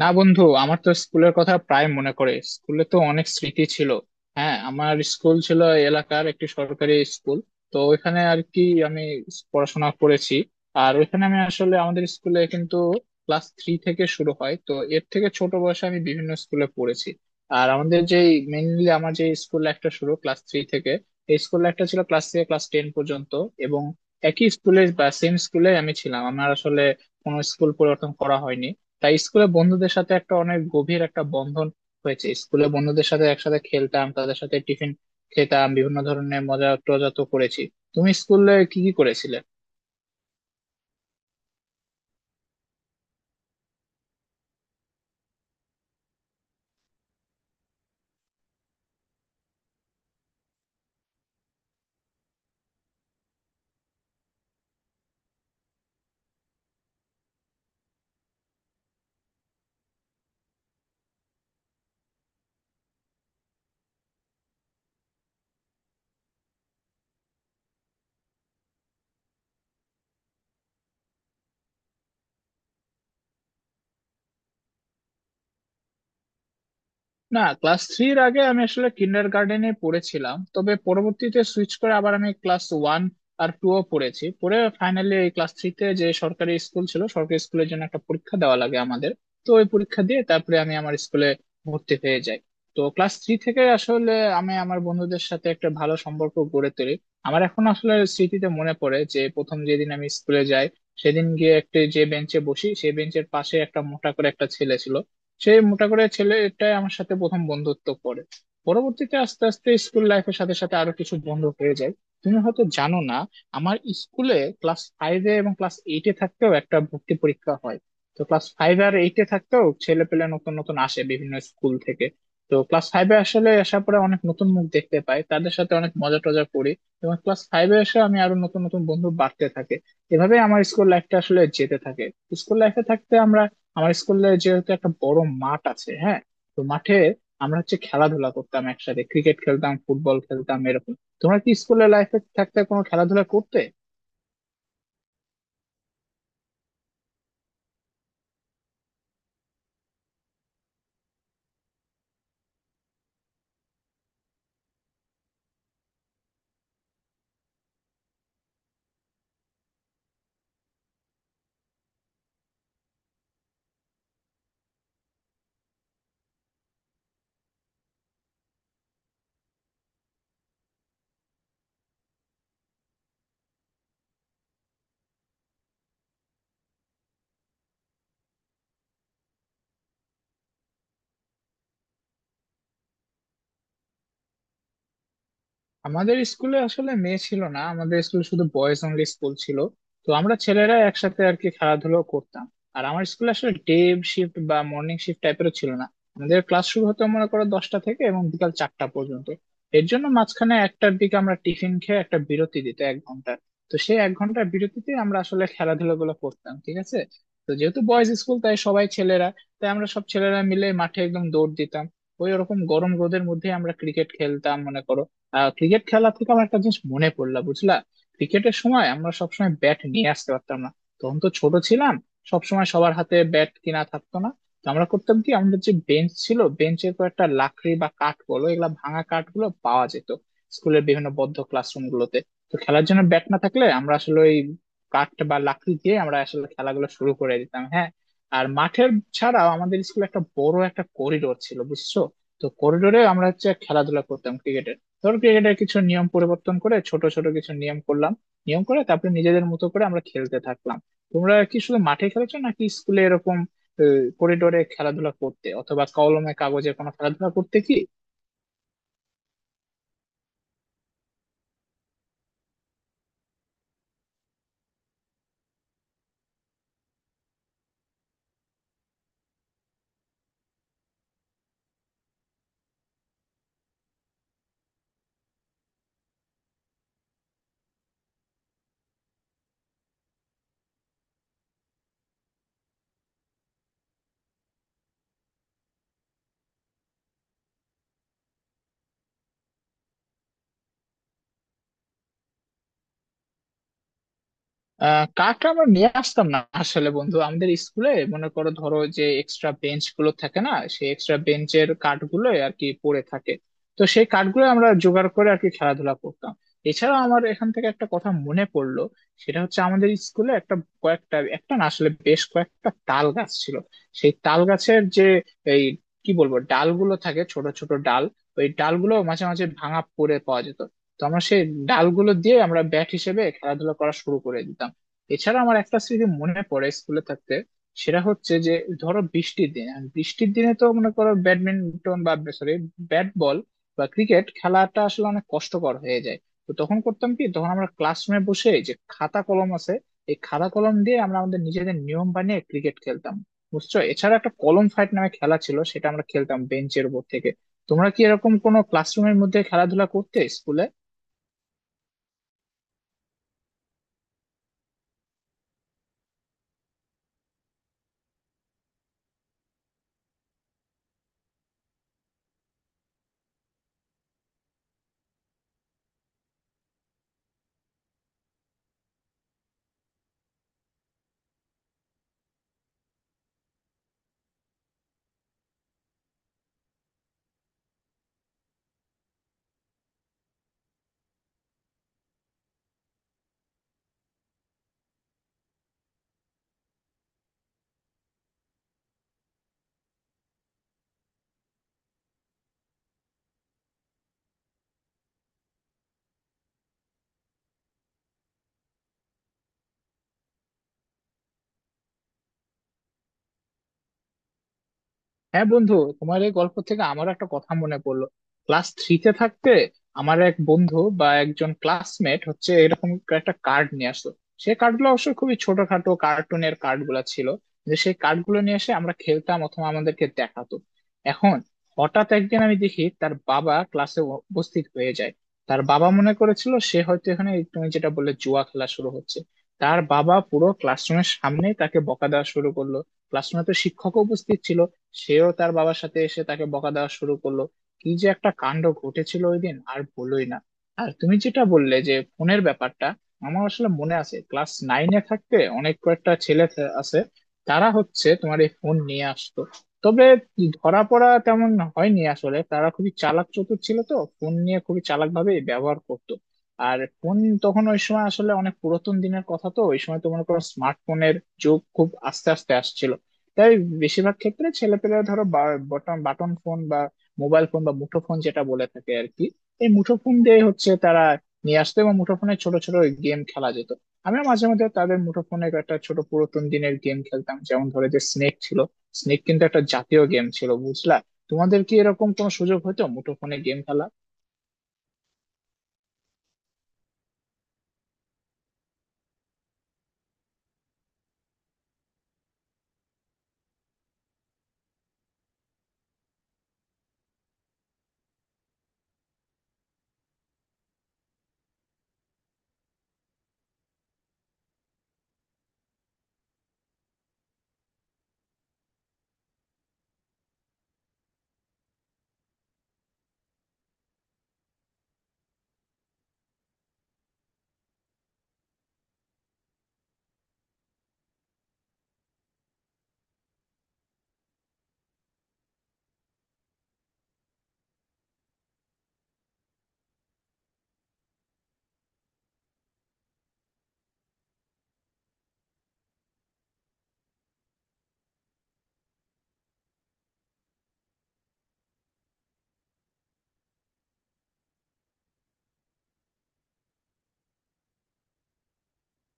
না, বন্ধু, আমার তো স্কুলের কথা প্রায় মনে পড়ে। স্কুলে তো অনেক স্মৃতি ছিল। হ্যাঁ, আমার স্কুল ছিল এলাকার একটি সরকারি স্কুল। তো ওইখানে আর কি আমি পড়াশোনা করেছি। আর ওইখানে আমি আসলে আমাদের স্কুলে কিন্তু ক্লাস থ্রি থেকে শুরু হয়, তো এর থেকে ছোট বয়সে আমি বিভিন্ন স্কুলে পড়েছি। আর আমাদের যে মেইনলি আমার যে স্কুল লাইফটা শুরু ক্লাস থ্রি থেকে, এই স্কুল লাইফটা ছিল ক্লাস থেকে ক্লাস টেন পর্যন্ত। এবং একই স্কুলে বা সেম স্কুলে আমি ছিলাম, আমার আসলে কোনো স্কুল পরিবর্তন করা হয়নি। তাই স্কুলে বন্ধুদের সাথে একটা অনেক গভীর একটা বন্ধন হয়েছে। স্কুলে বন্ধুদের সাথে একসাথে খেলতাম, তাদের সাথে টিফিন খেতাম, বিভিন্ন ধরনের মজা টজা তো করেছি। তুমি স্কুলে কি কি করেছিলে? না, ক্লাস থ্রির আগে আমি আসলে কিন্ডার গার্ডেনে পড়েছিলাম, তবে পরবর্তীতে সুইচ করে আবার আমি ক্লাস ওয়ান আর টু ও পড়েছি। পরে ফাইনালি এই ক্লাস থ্রিতে যে সরকারি স্কুল ছিল, সরকারি স্কুলের জন্য একটা পরীক্ষা দেওয়া লাগে আমাদের। তো ওই পরীক্ষা দিয়ে তারপরে আমি আমার স্কুলে ভর্তি হয়ে যাই। তো ক্লাস থ্রি থেকে আসলে আমি আমার বন্ধুদের সাথে একটা ভালো সম্পর্ক গড়ে তুলি। আমার এখন আসলে স্মৃতিতে মনে পড়ে যে প্রথম যেদিন আমি স্কুলে যাই, সেদিন গিয়ে একটা যে বেঞ্চে বসি, সেই বেঞ্চের পাশে একটা মোটা করে একটা ছেলে ছিল। সে মোটা করে ছেলেটাই আমার সাথে প্রথম বন্ধুত্ব করে। পরবর্তীতে আস্তে আস্তে স্কুল লাইফের সাথে সাথে আরো কিছু বন্ধু হয়ে যায়। তুমি হয়তো জানো না, আমার স্কুলে ক্লাস ফাইভে এবং ক্লাস এইটে থাকতেও একটা ভর্তি পরীক্ষা হয়। তো ক্লাস ফাইভ আর এইটে থাকতেও ছেলে পেলে নতুন নতুন আসে বিভিন্ন স্কুল থেকে। তো ক্লাস ফাইভে আসলে আসার পরে অনেক নতুন মুখ দেখতে পাই, তাদের সাথে অনেক মজা টজা করি। এবং ক্লাস ফাইভে এসে আমি আরো নতুন নতুন বন্ধু বাড়তে থাকে। এভাবে আমার স্কুল লাইফটা আসলে যেতে থাকে। স্কুল লাইফে থাকতে আমরা, আমার স্কুলে যেহেতু একটা বড় মাঠ আছে, হ্যাঁ, তো মাঠে আমরা হচ্ছে খেলাধুলা করতাম একসাথে, ক্রিকেট খেলতাম, ফুটবল খেলতাম এরকম। তোমরা কি স্কুলের লাইফে থাকতে কোনো খেলাধুলা করতে? আমাদের স্কুলে আসলে মেয়ে ছিল না, আমাদের স্কুলে শুধু বয়েজ অনলি স্কুল ছিল। তো আমরা ছেলেরা একসাথে আর কি খেলাধুলো করতাম। আর আমার স্কুলে আসলে ডে শিফট বা মর্নিং শিফট টাইপেরও ছিল না। আমাদের ক্লাস শুরু হতো মনে করো 10টা থেকে এবং বিকাল 4টা পর্যন্ত। এর জন্য মাঝখানে 1টার দিকে আমরা টিফিন খেয়ে একটা বিরতি দিত 1 ঘন্টা। তো সেই 1 ঘন্টার বিরতিতে আমরা আসলে খেলাধুলা গুলো করতাম, ঠিক আছে। তো যেহেতু বয়েজ স্কুল তাই সবাই ছেলেরা, তাই আমরা সব ছেলেরা মিলে মাঠে একদম দৌড় দিতাম। ওই ওরকম গরম রোদের মধ্যে আমরা ক্রিকেট খেলতাম মনে করো। ক্রিকেট খেলা থেকে আমার একটা জিনিস মনে পড়লো বুঝলা। ক্রিকেটের সময় আমরা সবসময় ব্যাট নিয়ে আসতে পারতাম না। তখন তো ছোট ছিলাম, সবসময় সবার হাতে ব্যাট কিনা থাকতো না। তো আমরা করতাম কি, আমাদের যে বেঞ্চ ছিল, বেঞ্চের কয়েকটা লাকড়ি বা কাঠ বলো, এগুলা ভাঙা কাঠ গুলো পাওয়া যেত স্কুলের বিভিন্ন বদ্ধ ক্লাসরুম গুলোতে। তো খেলার জন্য ব্যাট না থাকলে আমরা আসলে ওই কাঠ বা লাকড়ি দিয়ে আমরা আসলে খেলাগুলো শুরু করে দিতাম, হ্যাঁ। আর মাঠের ছাড়াও আমাদের স্কুলে একটা বড় একটা করিডোর ছিল বুঝছো। তো করিডোরে আমরা হচ্ছে খেলাধুলা করতাম ক্রিকেট। ধর, ক্রিকেটের কিছু নিয়ম পরিবর্তন করে ছোট ছোট কিছু নিয়ম করলাম, নিয়ম করে তারপরে নিজেদের মতো করে আমরা খেলতে থাকলাম। তোমরা কি শুধু মাঠে খেলেছো নাকি স্কুলে এরকম করিডোরে খেলাধুলা করতে, অথবা কলমে কাগজে কোনো খেলাধুলা করতে কি? কাঠ আমরা নিয়ে আসতাম না আসলে বন্ধু, আমাদের স্কুলে মনে করো ধরো যে এক্সট্রা বেঞ্চ গুলো থাকে না, সেই এক্সট্রা বেঞ্চের কাঠ গুলো আর কি পড়ে থাকে। তো সেই কাঠগুলো আমরা জোগাড় করে আর কি খেলাধুলা করতাম। এছাড়া আমার এখান থেকে একটা কথা মনে পড়লো। সেটা হচ্ছে আমাদের স্কুলে একটা কয়েকটা একটা না, আসলে বেশ কয়েকটা তাল গাছ ছিল। সেই তাল গাছের যে এই কি বলবো ডালগুলো থাকে, ছোট ছোট ডাল, ওই ডালগুলো মাঝে মাঝে ভাঙা পড়ে পাওয়া যেত। তো আমরা সেই ডালগুলো দিয়ে আমরা ব্যাট হিসেবে খেলাধুলা করা শুরু করে দিতাম। এছাড়া আমার একটা স্মৃতি মনে পড়ে স্কুলে থাকতে। সেটা হচ্ছে যে ধরো বৃষ্টির দিন, আর বৃষ্টির দিনে তো মনে করো ব্যাডমিন্টন বা সরি, ব্যাট বল বা ক্রিকেট খেলাটা আসলে অনেক কষ্টকর হয়ে যায়। তো তখন করতাম কি, তখন আমরা ক্লাসরুমে বসে যে খাতা কলম আছে, এই খাতা কলম দিয়ে আমরা আমাদের নিজেদের নিয়ম বানিয়ে ক্রিকেট খেলতাম বুঝছো। এছাড়া একটা কলম ফাইট নামে খেলা ছিল, সেটা আমরা খেলতাম বেঞ্চের উপর থেকে। তোমরা কি এরকম কোনো ক্লাসরুমের মধ্যে খেলাধুলা করতে স্কুলে? হ্যাঁ বন্ধু, তোমার এই গল্প থেকে আমারও একটা কথা মনে পড়লো। ক্লাস থ্রিতে থাকতে আমার এক বন্ধু বা একজন ক্লাসমেট হচ্ছে এরকম একটা কার্ড নিয়ে আসলো। সেই কার্ডগুলো অবশ্য খুবই ছোটখাটো কার্টুনের কার্ডগুলো ছিল। যে সেই কার্ডগুলো নিয়ে এসে আমরা খেলতাম অথবা আমাদেরকে দেখাতো। এখন হঠাৎ একদিন আমি দেখি তার বাবা ক্লাসে উপস্থিত হয়ে যায়। তার বাবা মনে করেছিল সে হয়তো এখানে এই তুমি যেটা বললে জুয়া খেলা শুরু হচ্ছে। তার বাবা পুরো ক্লাসরুমের সামনে তাকে বকা দেওয়া শুরু করলো। ক্লাসরুমে তো শিক্ষক উপস্থিত ছিল, সেও তার বাবার সাথে এসে তাকে বকা দেওয়া শুরু করলো। কি যে একটা কাণ্ড ঘটেছিল ওই দিন, আর বলোই না। আর তুমি যেটা বললে যে ফোনের ব্যাপারটা, আমার আসলে মনে আছে ক্লাস নাইনে থাকতে অনেক কয়েকটা ছেলে আছে। তারা হচ্ছে তোমার এই ফোন নিয়ে আসতো। তবে ধরা পড়া তেমন হয়নি, আসলে তারা খুবই চালাক চতুর ছিল, তো ফোন নিয়ে খুবই চালাক ভাবে ব্যবহার করতো। আর ফোন তখন, ওই সময় আসলে অনেক পুরাতন দিনের কথা, তো ওই সময় তো মনে করো স্মার্টফোনের যুগ খুব আস্তে আস্তে আসছিল। তাই বেশিরভাগ ক্ষেত্রে ছেলেপেলেরা ধরো বাটন ফোন বা মোবাইল ফোন বা মুঠো ফোন যেটা বলে থাকে আর কি, এই মুঠো ফোন দিয়ে হচ্ছে তারা নিয়ে আসতো এবং মুঠো ফোনে ছোট ছোট গেম খেলা যেত। আমরা মাঝে মধ্যে তাদের মুঠো ফোনে একটা ছোট পুরাতন দিনের গেম খেলতাম, যেমন ধরো যে স্নেক ছিল। স্নেক কিন্তু একটা জাতীয় গেম ছিল বুঝলা। তোমাদের কি এরকম কোনো সুযোগ হতো মুঠো ফোনে গেম খেলা?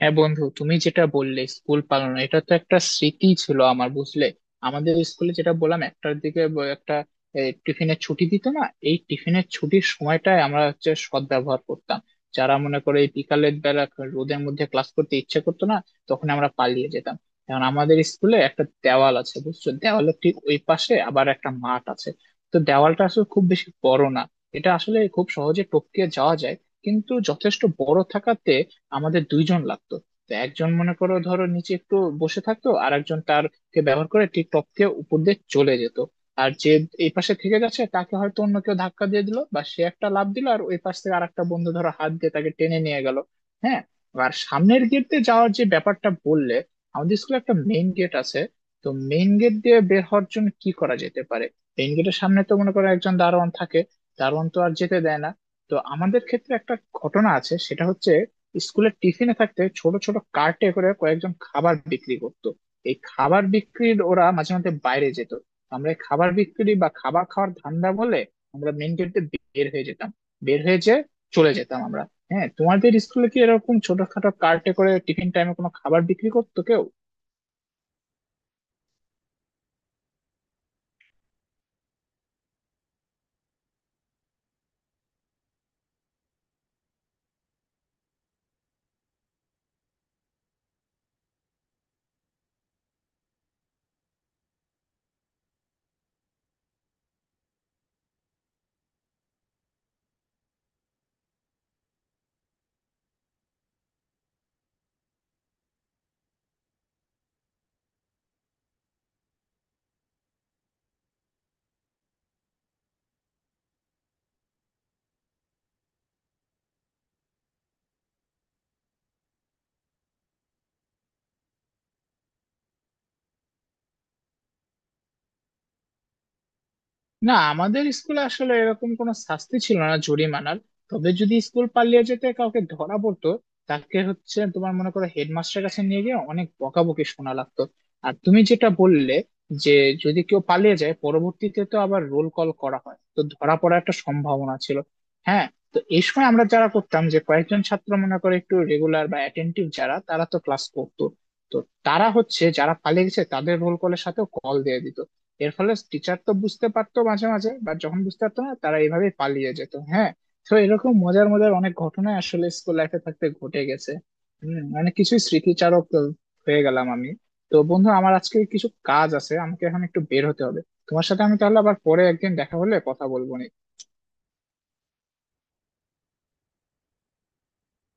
হ্যাঁ বন্ধু, তুমি যেটা বললে স্কুল পালন, এটা তো একটা স্মৃতি ছিল আমার বুঝলে। আমাদের স্কুলে যেটা বললাম একটার দিকে একটা টিফিনের ছুটি দিত না। এই টিফিনের ছুটির সময়টায় আমরা হচ্ছে সদ্ব্যবহার করতাম। যারা মনে করে এই বিকালের বেলা রোদের মধ্যে ক্লাস করতে ইচ্ছে করতো না, তখন আমরা পালিয়ে যেতাম। কারণ আমাদের স্কুলে একটা দেওয়াল আছে বুঝছো, দেওয়ালের ঠিক ওই পাশে আবার একটা মাঠ আছে। তো দেওয়ালটা আসলে খুব বেশি বড় না, এটা আসলে খুব সহজে টপকে যাওয়া যায়। কিন্তু যথেষ্ট বড় থাকাতে আমাদের দুইজন লাগতো। তো একজন মনে করো ধরো নিচে একটু বসে থাকতো, আর একজন তারকে ব্যবহার করে টিকটক কে উপর দিয়ে চলে যেত। আর যে এই পাশে থেকে যাচ্ছে, তাকে হয়তো অন্য কেউ ধাক্কা দিয়ে দিল বা সে একটা লাফ দিল, আর ওই পাশ থেকে আরেকটা বন্ধু ধরো হাত দিয়ে তাকে টেনে নিয়ে গেল, হ্যাঁ। আর সামনের গেট দিয়ে যাওয়ার যে ব্যাপারটা বললে, আমাদের স্কুলে একটা মেইন গেট আছে। তো মেইন গেট দিয়ে বের হওয়ার জন্য কি করা যেতে পারে? মেইন গেটের সামনে তো মনে করো একজন দারোয়ান থাকে, দারোয়ান তো আর যেতে দেয় না। তো আমাদের ক্ষেত্রে একটা ঘটনা আছে, সেটা হচ্ছে স্কুলের টিফিনে থাকতে ছোট ছোট কার্টে করে কয়েকজন খাবার বিক্রি করতো। এই খাবার বিক্রির ওরা মাঝে মাঝে বাইরে যেত। আমরা এই খাবার বিক্রি বা খাবার খাওয়ার ধান্দা বলে আমরা মেন গেট দিয়ে বের হয়ে যেতাম। বের হয়ে যেয়ে চলে যেতাম আমরা। হ্যাঁ, তোমাদের স্কুলে কি এরকম ছোটখাটো কার্টে করে টিফিন টাইমে কোনো খাবার বিক্রি করতো কেউ? না, আমাদের স্কুলে আসলে এরকম কোনো শাস্তি ছিল না জরিমানার। তবে যদি স্কুল পালিয়ে যেতে কাউকে ধরা পড়তো, তাকে হচ্ছে তোমার মনে করো হেডমাস্টারের কাছে নিয়ে গিয়ে অনেক বকাবকি শোনা লাগতো। আর তুমি যেটা বললে যে যদি কেউ পালিয়ে যায়, পরবর্তীতে তো আবার রোল কল করা হয়, তো ধরা পড়ার একটা সম্ভাবনা ছিল, হ্যাঁ। তো এই সময় আমরা যারা করতাম যে কয়েকজন ছাত্র মনে করে একটু রেগুলার বা অ্যাটেন্টিভ যারা তারা তো ক্লাস করতো, তো তারা হচ্ছে যারা পালিয়ে গেছে তাদের রোল কলের সাথে কল দিয়ে দিত। এর ফলে টিচার তো বুঝতে পারতো মাঝে মাঝে, বা যখন বুঝতে পারতো না তারা এইভাবে পালিয়ে যেত, হ্যাঁ। তো এরকম মজার মজার অনেক ঘটনা আসলে স্কুল লাইফে থাকতে ঘটে গেছে। অনেক কিছুই স্মৃতিচারক হয়ে গেলাম আমি। তো বন্ধু, আমার আজকে কিছু কাজ আছে, আমাকে এখন একটু বের হতে হবে। তোমার সাথে আমি তাহলে আবার পরে একদিন দেখা হলে কথা বলবো নি।